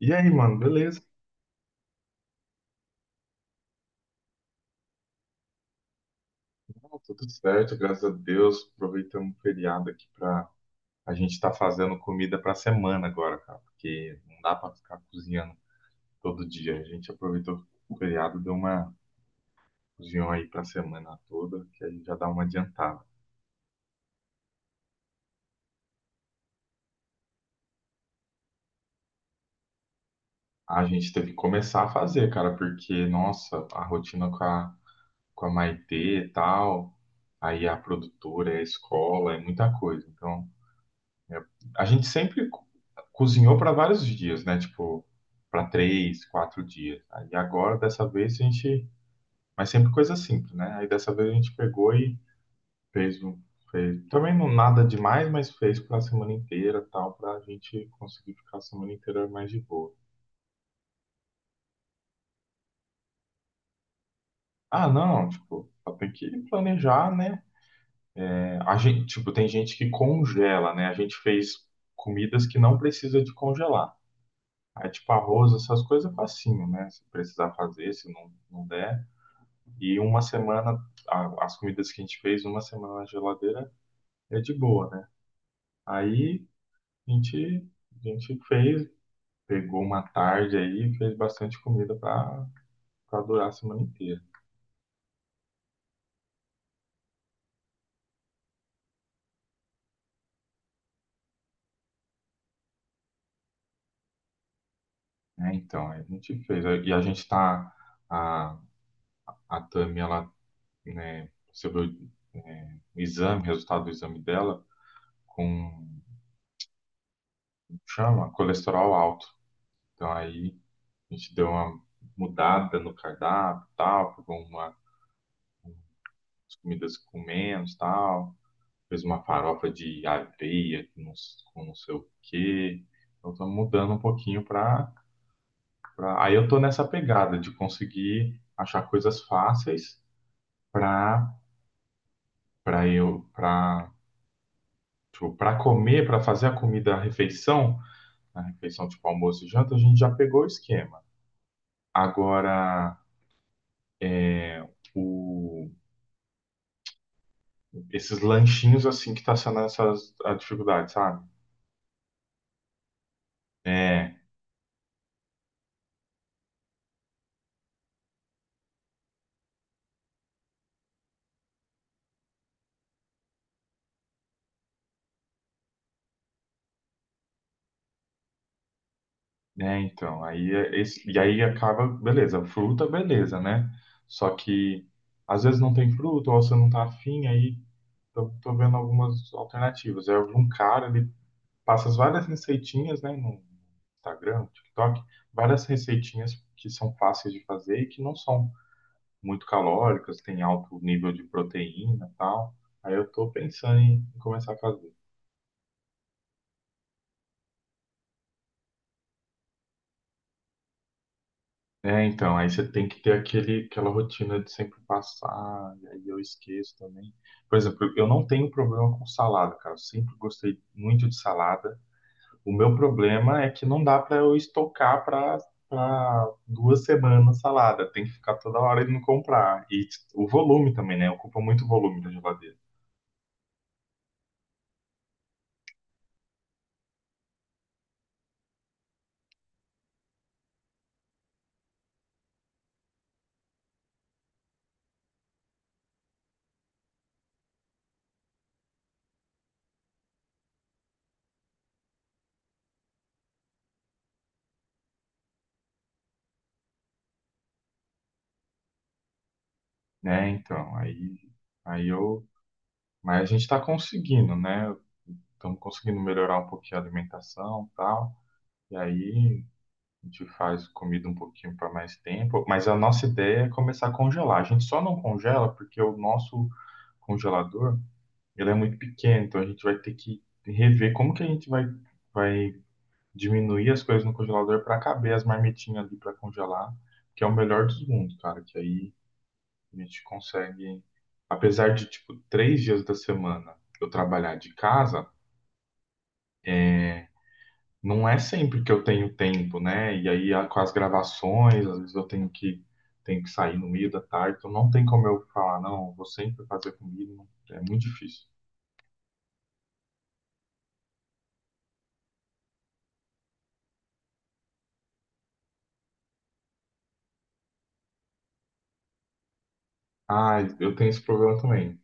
E aí, mano, beleza? Não, tá tudo certo, graças a Deus. Aproveitamos o feriado aqui pra. A gente tá fazendo comida pra semana agora, cara, porque não dá pra ficar cozinhando todo dia. A gente aproveitou o feriado, deu uma cozinhão aí pra semana toda, que aí já dá uma adiantada. A gente teve que começar a fazer, cara, porque, nossa, a rotina com a Maitê e tal, aí a produtora, a escola, é muita coisa. Então, a gente sempre cozinhou para vários dias, né? Tipo, para 3, 4 dias. Aí agora, dessa vez, a gente. Mas sempre coisa simples, né? Aí dessa vez a gente pegou e fez um. Também não nada demais, mas fez para a semana inteira, tal, para a gente conseguir ficar a semana inteira mais de boa. Ah, não, tipo, só tem que planejar, né? É, a gente, tipo, tem gente que congela, né? A gente fez comidas que não precisa de congelar. Aí, tipo, arroz, essas coisas é facinho, né? Se precisar fazer, se não, não der. E uma semana, as comidas que a gente fez, uma semana na geladeira é de boa, né? Aí a gente, a gente fez, pegou uma tarde aí, fez bastante comida para durar a semana inteira. Né? Então, aí a gente fez. E a gente tá, a, a Tami, ela, né, recebeu o exame, resultado do exame dela com, chama, colesterol alto. Então, aí a gente deu uma mudada no cardápio, e tal, pegou uma, as comidas com menos, tal, fez uma farofa de aveia com não sei o quê. Então, estamos mudando um pouquinho. Aí eu tô nessa pegada de conseguir achar coisas fáceis para para tipo, para comer, para fazer a comida, a refeição tipo almoço e janta, a gente já pegou o esquema. Agora é, o esses lanchinhos assim que tá sendo a dificuldade, sabe? É, né, então, aí é esse, e aí acaba, beleza, fruta, beleza, né? Só que às vezes não tem fruta, ou você não tá afim, aí tô vendo algumas alternativas. Aí algum cara, ele passa as várias receitinhas, né, no Instagram, no TikTok, várias receitinhas que são fáceis de fazer e que não são muito calóricas, tem alto nível de proteína e tal. Aí eu tô pensando em começar a fazer. É, então, aí você tem que ter aquele, aquela rotina de sempre passar, e aí eu esqueço também. Por exemplo, eu não tenho problema com salada, cara. Eu sempre gostei muito de salada. O meu problema é que não dá pra eu estocar pra 2 semanas salada. Tem que ficar toda hora indo comprar. O volume também, né? Ocupa muito volume da geladeira. Né, então, aí, aí eu. Mas a gente está conseguindo, né? Estamos conseguindo melhorar um pouquinho a alimentação e tal. E aí. A gente faz comida um pouquinho para mais tempo, mas a nossa ideia é começar a congelar. A gente só não congela porque o nosso congelador, ele é muito pequeno, então a gente vai ter que rever como que a gente vai diminuir as coisas no congelador para caber as marmitinhas ali para congelar, que é o melhor dos mundos, cara, que aí a gente consegue, apesar de tipo 3 dias da semana eu trabalhar de casa, não é sempre que eu tenho tempo, né? E aí com as gravações, às vezes eu tenho que sair no meio da tarde, então não tem como eu falar, não, vou sempre fazer comida, é muito difícil. Ah, eu tenho esse problema também.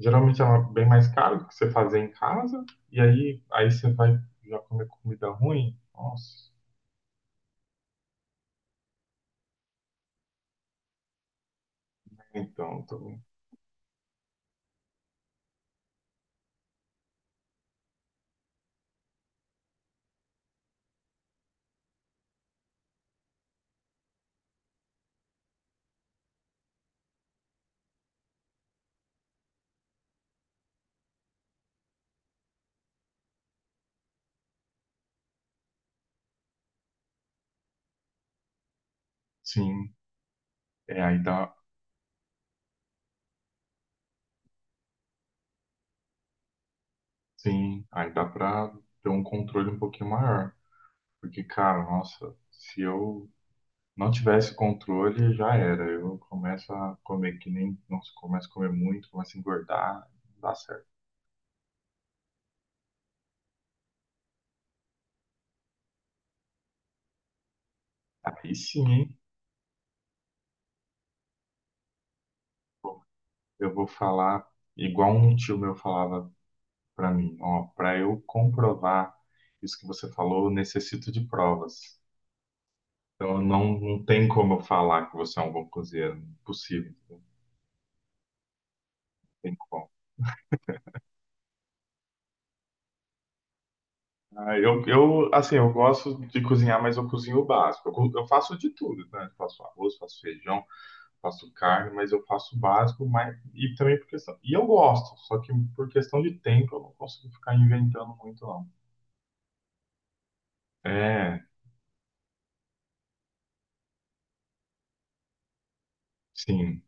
Geralmente é bem mais caro do que você fazer em casa, e aí você vai já comer comida ruim. Nossa, então. Sim, é aí dá, sim, aí dá pra ter um controle um pouquinho maior, porque cara, nossa, se eu não tivesse controle, já era. Eu começo a comer que nem. Nossa, começo a comer muito, começo a engordar, não dá certo. Aí sim, hein, eu vou falar igual um tio meu falava pra mim: ó, pra eu comprovar isso que você falou, eu necessito de provas. Então não, não tem como eu falar que você é um bom cozinheiro, impossível, não tem como. Ah, assim, eu gosto de cozinhar, mas eu cozinho o básico. Eu faço de tudo, né? Eu faço arroz, faço feijão. Faço carne, mas eu faço o básico, mas e também por questão. E eu gosto, só que por questão de tempo eu não consigo ficar inventando muito, não. É, sim.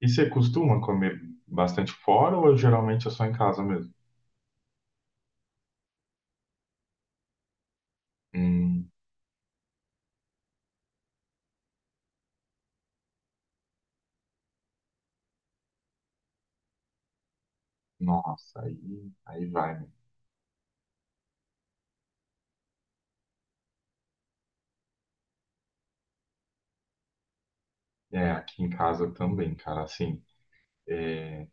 E você costuma comer bastante fora ou geralmente é só em casa mesmo? Hum, nossa, aí vai, né? É, aqui em casa também, cara, assim, é,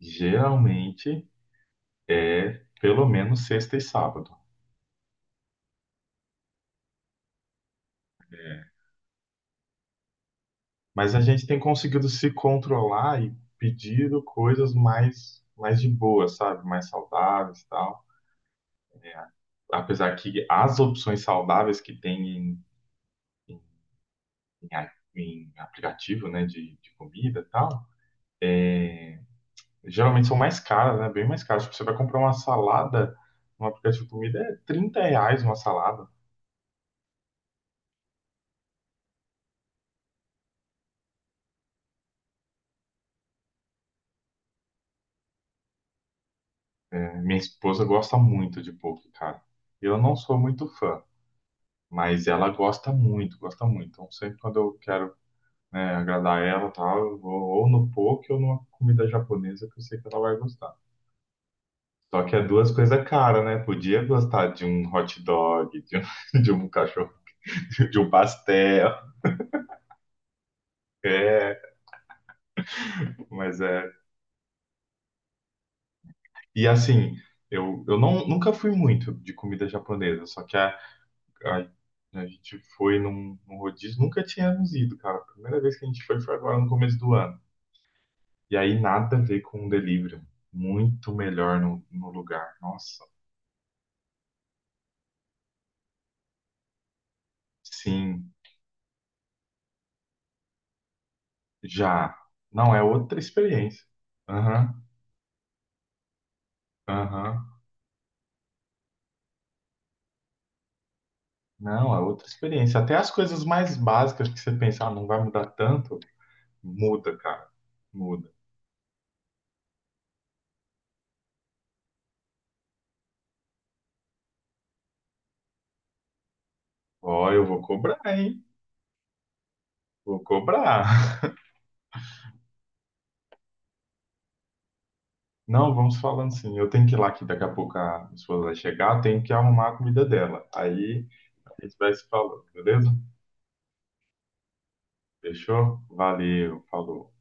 geralmente é pelo menos sexta e sábado. É, mas a gente tem conseguido se controlar e pedido coisas mais de boa, sabe? Mais saudáveis e tal. É, apesar que as opções saudáveis que tem em, em aplicativo, né, de comida e tal, é, geralmente são mais caras, né? Bem mais caras. Tipo, você vai comprar uma salada no aplicativo de comida, é 30 reais uma salada. É, minha esposa gosta muito de poke, cara. Eu não sou muito fã, mas ela gosta muito, gosta muito. Então, sempre quando eu quero né, agradar ela e tal, eu vou ou no poke ou numa comida japonesa que eu sei que ela vai gostar. Só que é duas coisas caras, né? Podia gostar de um hot dog, de um, de um cachorro, de um pastel, é, mas é. E assim, eu não, nunca fui muito de comida japonesa, só que a, a gente foi num rodízio, nunca tínhamos ido, cara. A primeira vez que a gente foi agora no começo do ano. E aí nada a ver com o delivery. Muito melhor no lugar. Nossa. Sim. Já. Não, é outra experiência. Aham, aham. Não, é outra experiência. Até as coisas mais básicas que você pensa, ah, não vai mudar tanto, muda, cara. Muda. Ó, eu vou cobrar, hein? Vou cobrar. Não, vamos falando assim. Eu tenho que ir lá que daqui a pouco a minha esposa vai chegar, eu tenho que arrumar a comida dela. Aí a gente vai se falando, beleza? Fechou? Valeu, falou.